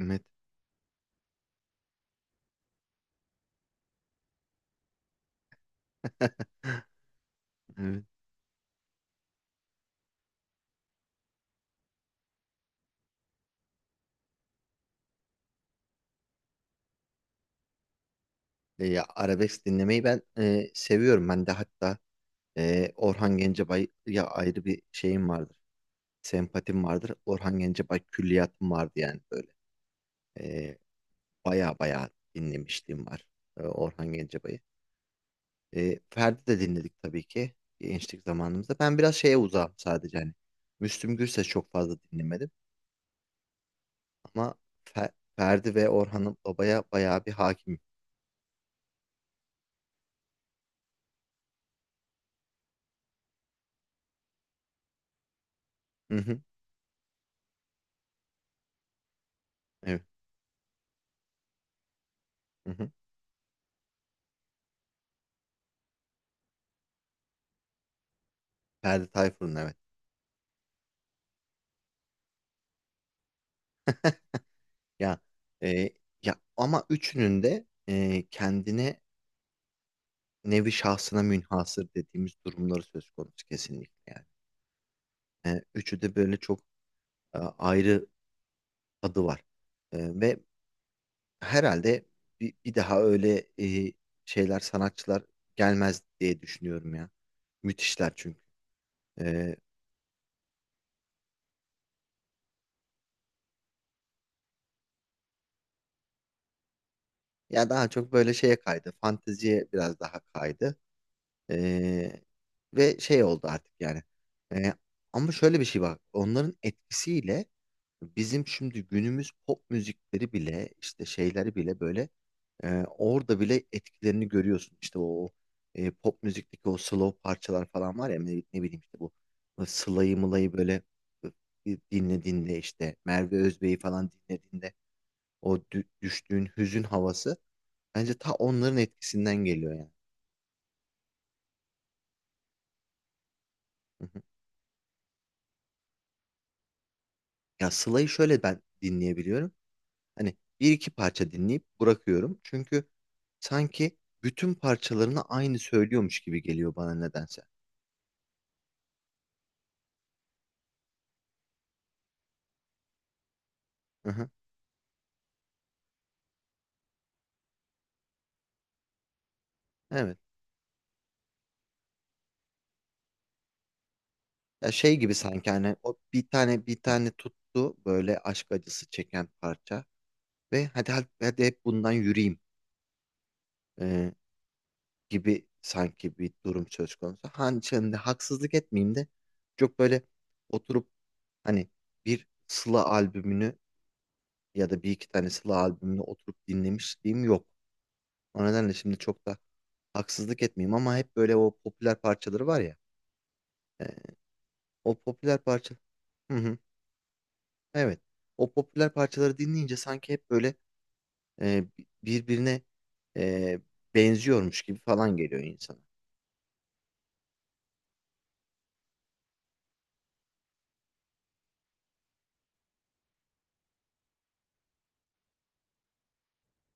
Evet. Evet. Ya arabesk dinlemeyi ben seviyorum. Ben de hatta Orhan Gencebay'a ayrı bir şeyim vardır. Sempatim vardır. Orhan Gencebay külliyatım vardı yani böyle. E, baya baya dinlemişliğim var Orhan Gencebay'ı. Ferdi de dinledik tabii ki gençlik zamanımızda. Ben biraz şeye uzağım sadece hani. Müslüm Gürses çok fazla dinlemedim ama Ferdi ve Orhan Baba'ya baya bir hakim. Hı hı, evet. Hı hı. Ferdi Tayfur'un, evet. Ya e, ya ama üçünün de kendine nevi şahsına münhasır dediğimiz durumları söz konusu kesinlikle yani. Üçü de böyle çok ayrı tadı var. Ve herhalde bir daha öyle şeyler sanatçılar gelmez diye düşünüyorum ya. Müthişler çünkü. E, ya daha çok böyle şeye kaydı. Fanteziye biraz daha kaydı. E, ve şey oldu artık yani. E, Ama şöyle bir şey var. Onların etkisiyle bizim şimdi günümüz pop müzikleri bile işte şeyleri bile böyle orada bile etkilerini görüyorsun. İşte o pop müzikteki o slow parçalar falan var ya ne bileyim işte bu Sıla'yı Mıla'yı böyle dinlediğinde işte Merve Özbey'i falan dinlediğinde o düştüğün hüzün havası bence ta onların etkisinden geliyor yani. Hı hı. Ya Sıla'yı şöyle ben dinleyebiliyorum. Hani bir iki parça dinleyip bırakıyorum. Çünkü sanki bütün parçalarını aynı söylüyormuş gibi geliyor bana nedense. Hı hı. Evet. Ya şey gibi sanki hani o bir tane tuttu böyle aşk acısı çeken parça ve hadi hep bundan yürüyeyim e, gibi sanki bir durum söz konusu. Hani şimdi haksızlık etmeyeyim de çok böyle oturup hani bir Sıla albümünü ya da bir iki tane Sıla albümünü oturup dinlemişliğim yok. O nedenle şimdi çok da haksızlık etmeyeyim ama hep böyle o popüler parçaları var ya. O popüler parça. Hı hı. Evet. O popüler parçaları dinleyince sanki hep böyle e, birbirine e, benziyormuş gibi falan geliyor insana.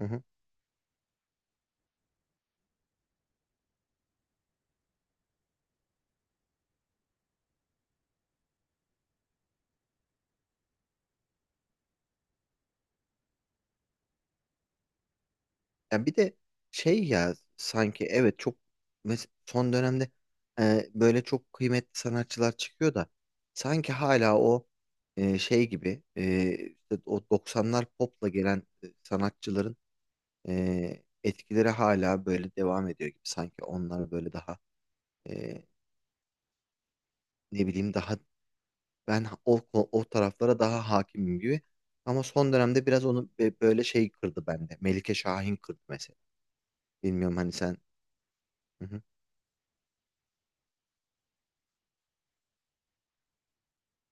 Hı hı. Ya bir de şey ya sanki evet çok son dönemde böyle çok kıymetli sanatçılar çıkıyor da sanki hala o şey gibi işte o doksanlar popla gelen sanatçıların etkileri hala böyle devam ediyor gibi sanki onlar böyle daha e, ne bileyim daha ben o taraflara daha hakimim gibi ama son dönemde biraz onu böyle şey kırdı bende, Melike Şahin kırdı mesela. Bilmiyorum hani sen.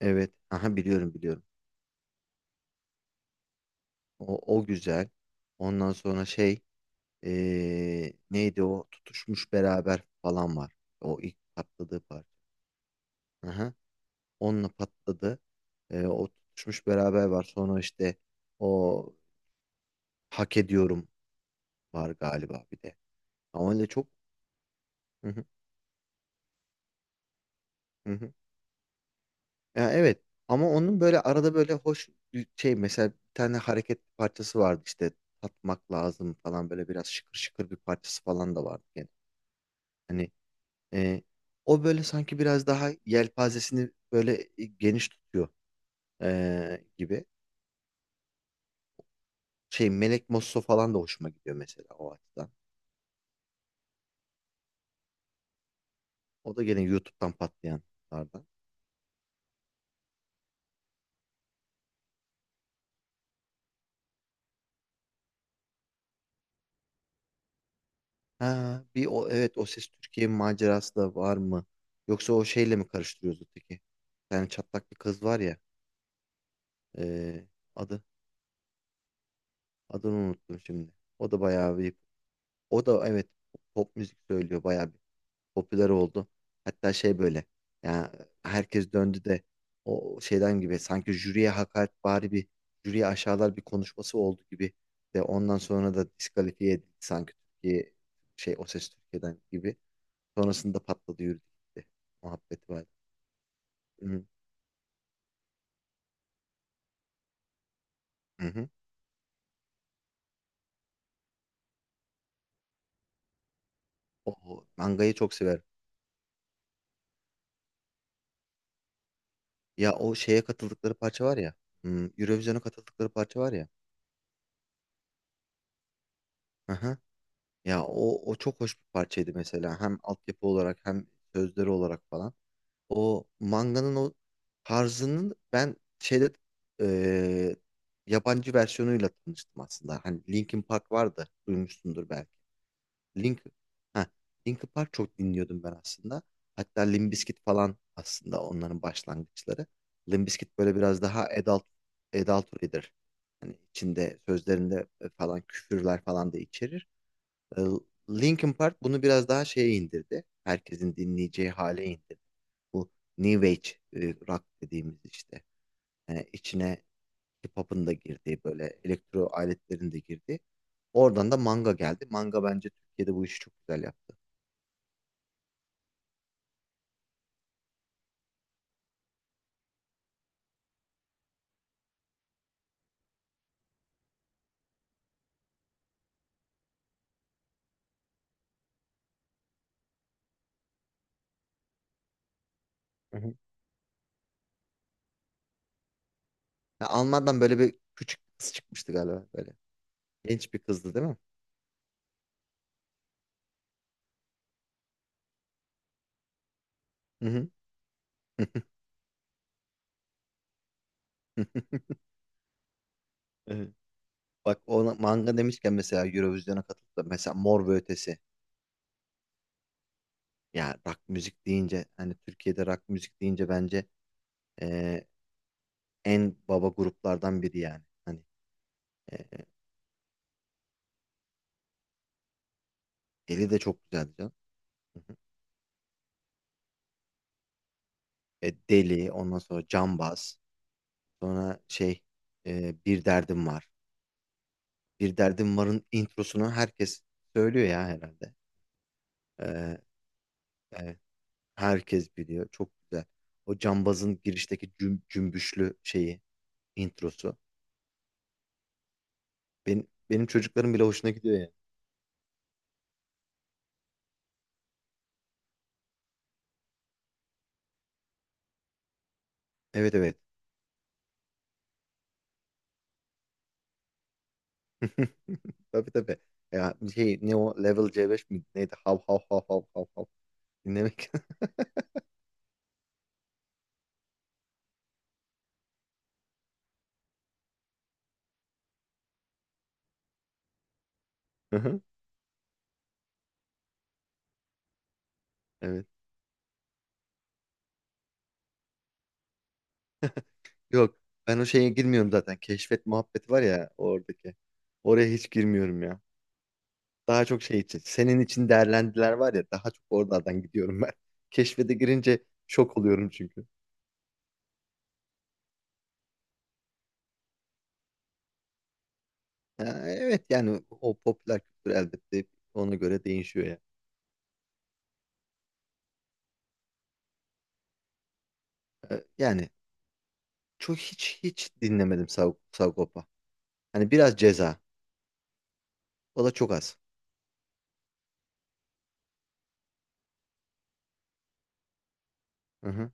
Evet. Aha, biliyorum biliyorum. O, o güzel. Ondan sonra şey, neydi o? Tutuşmuş beraber falan var. O ilk patladığı parça. Aha. Onunla patladı. O tutuşmuş beraber var. Sonra işte o hak ediyorum var galiba bir de. Ama öyle çok. Hı hı, hı hı. Ya, evet. Ama onun böyle arada böyle hoş bir şey, mesela bir tane hareket parçası vardı işte tatmak lazım falan, böyle biraz şıkır şıkır bir parçası falan da vardı. Yani. Hani. Ee, O böyle sanki biraz daha yelpazesini böyle geniş tutuyor gibi. Şey Melek Mosso falan da hoşuma gidiyor mesela o açıdan. O da gene YouTube'dan patlayanlardan. Ha, bir o evet O Ses Türkiye macerası da var mı? Yoksa o şeyle mi karıştırıyoruz öteki? Yani çatlak bir kız var ya. Ee, adı adını unuttum şimdi. O da bayağı bir, o da evet pop müzik söylüyor, bayağı popüler oldu. Hatta şey böyle, ya herkes döndü de o şeyden gibi, sanki jüriye hakaret bari bir jüriye aşağılar bir konuşması oldu gibi de ondan sonra da diskalifiye edildi sanki Türkiye şey O Ses Türkiye'den gibi. Sonrasında patladı, yürüdü gitti. Muhabbeti var. Hı hı hı. O mangayı çok severim. Ya o şeye katıldıkları parça var ya. Eurovision'a katıldıkları parça var ya. Hı hı. Ya o, o çok hoş bir parçaydı mesela. Hem altyapı olarak hem sözleri olarak falan. O manganın o tarzının ben şeyde, eee, yabancı versiyonuyla tanıştım aslında. Hani Linkin Park vardı. Duymuşsundur belki. Link ha Linkin Park çok dinliyordum ben aslında. Hatta Limp Bizkit falan aslında onların başlangıçları. Limp Bizkit böyle biraz daha adultery'dir. Hani içinde sözlerinde falan küfürler falan da içerir. Ee, Linkin Park bunu biraz daha şeye indirdi. Herkesin dinleyeceği hale indirdi bu New Age e, rock dediğimiz işte. Yani içine hip-hop'un da girdiği böyle elektro aletlerin de girdiği. Oradan da manga geldi. Manga bence Türkiye'de bu işi çok güzel yaptı. Hı hı. Ya Alman'dan böyle bir küçük kız çıkmıştı galiba böyle. Genç bir kızdı, değil mi? Hı hı. Evet. Bak ona manga demişken mesela Eurovision'a katılıp da mesela Mor ve Ötesi. Ya rock müzik deyince hani Türkiye'de rock müzik deyince bence e, en baba gruplardan biri yani. Hani e, eli de çok güzeldi canım. Deli, ondan sonra cambaz, sonra şey bir derdim var. Bir derdim varın introsunu herkes söylüyor ya herhalde. E, yani herkes biliyor. Çok güzel. O cambazın girişteki cümbüşlü şeyi, introsu. Benim çocuklarım bile hoşuna gidiyor ya. Evet evet. Tabii tabii. Ya şey ne o Level C5 mi? Neydi? Hav hav hav hav hav hav. Dinlemek. Hı hı. Evet. Yok, ben o şeye girmiyorum zaten. Keşfet muhabbeti var ya oradaki. Oraya hiç girmiyorum ya. Daha çok şey için, senin için değerlendiler var ya, daha çok oralardan gidiyorum ben. Keşfete girince şok oluyorum çünkü. Ha, evet, yani o popüler kültür elbette ona göre değişiyor ya. Yani çok hiç hiç dinlemedim Sagop'a. Hani biraz ceza. O da çok az. Hı hı.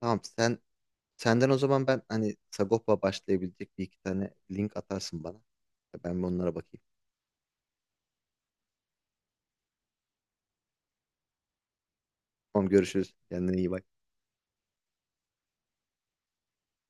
Tamam, senden o zaman ben hani Sagop'a başlayabilecek bir iki tane link atarsın bana. Ben bir onlara bakayım. Tamam, görüşürüz. Kendine iyi bak.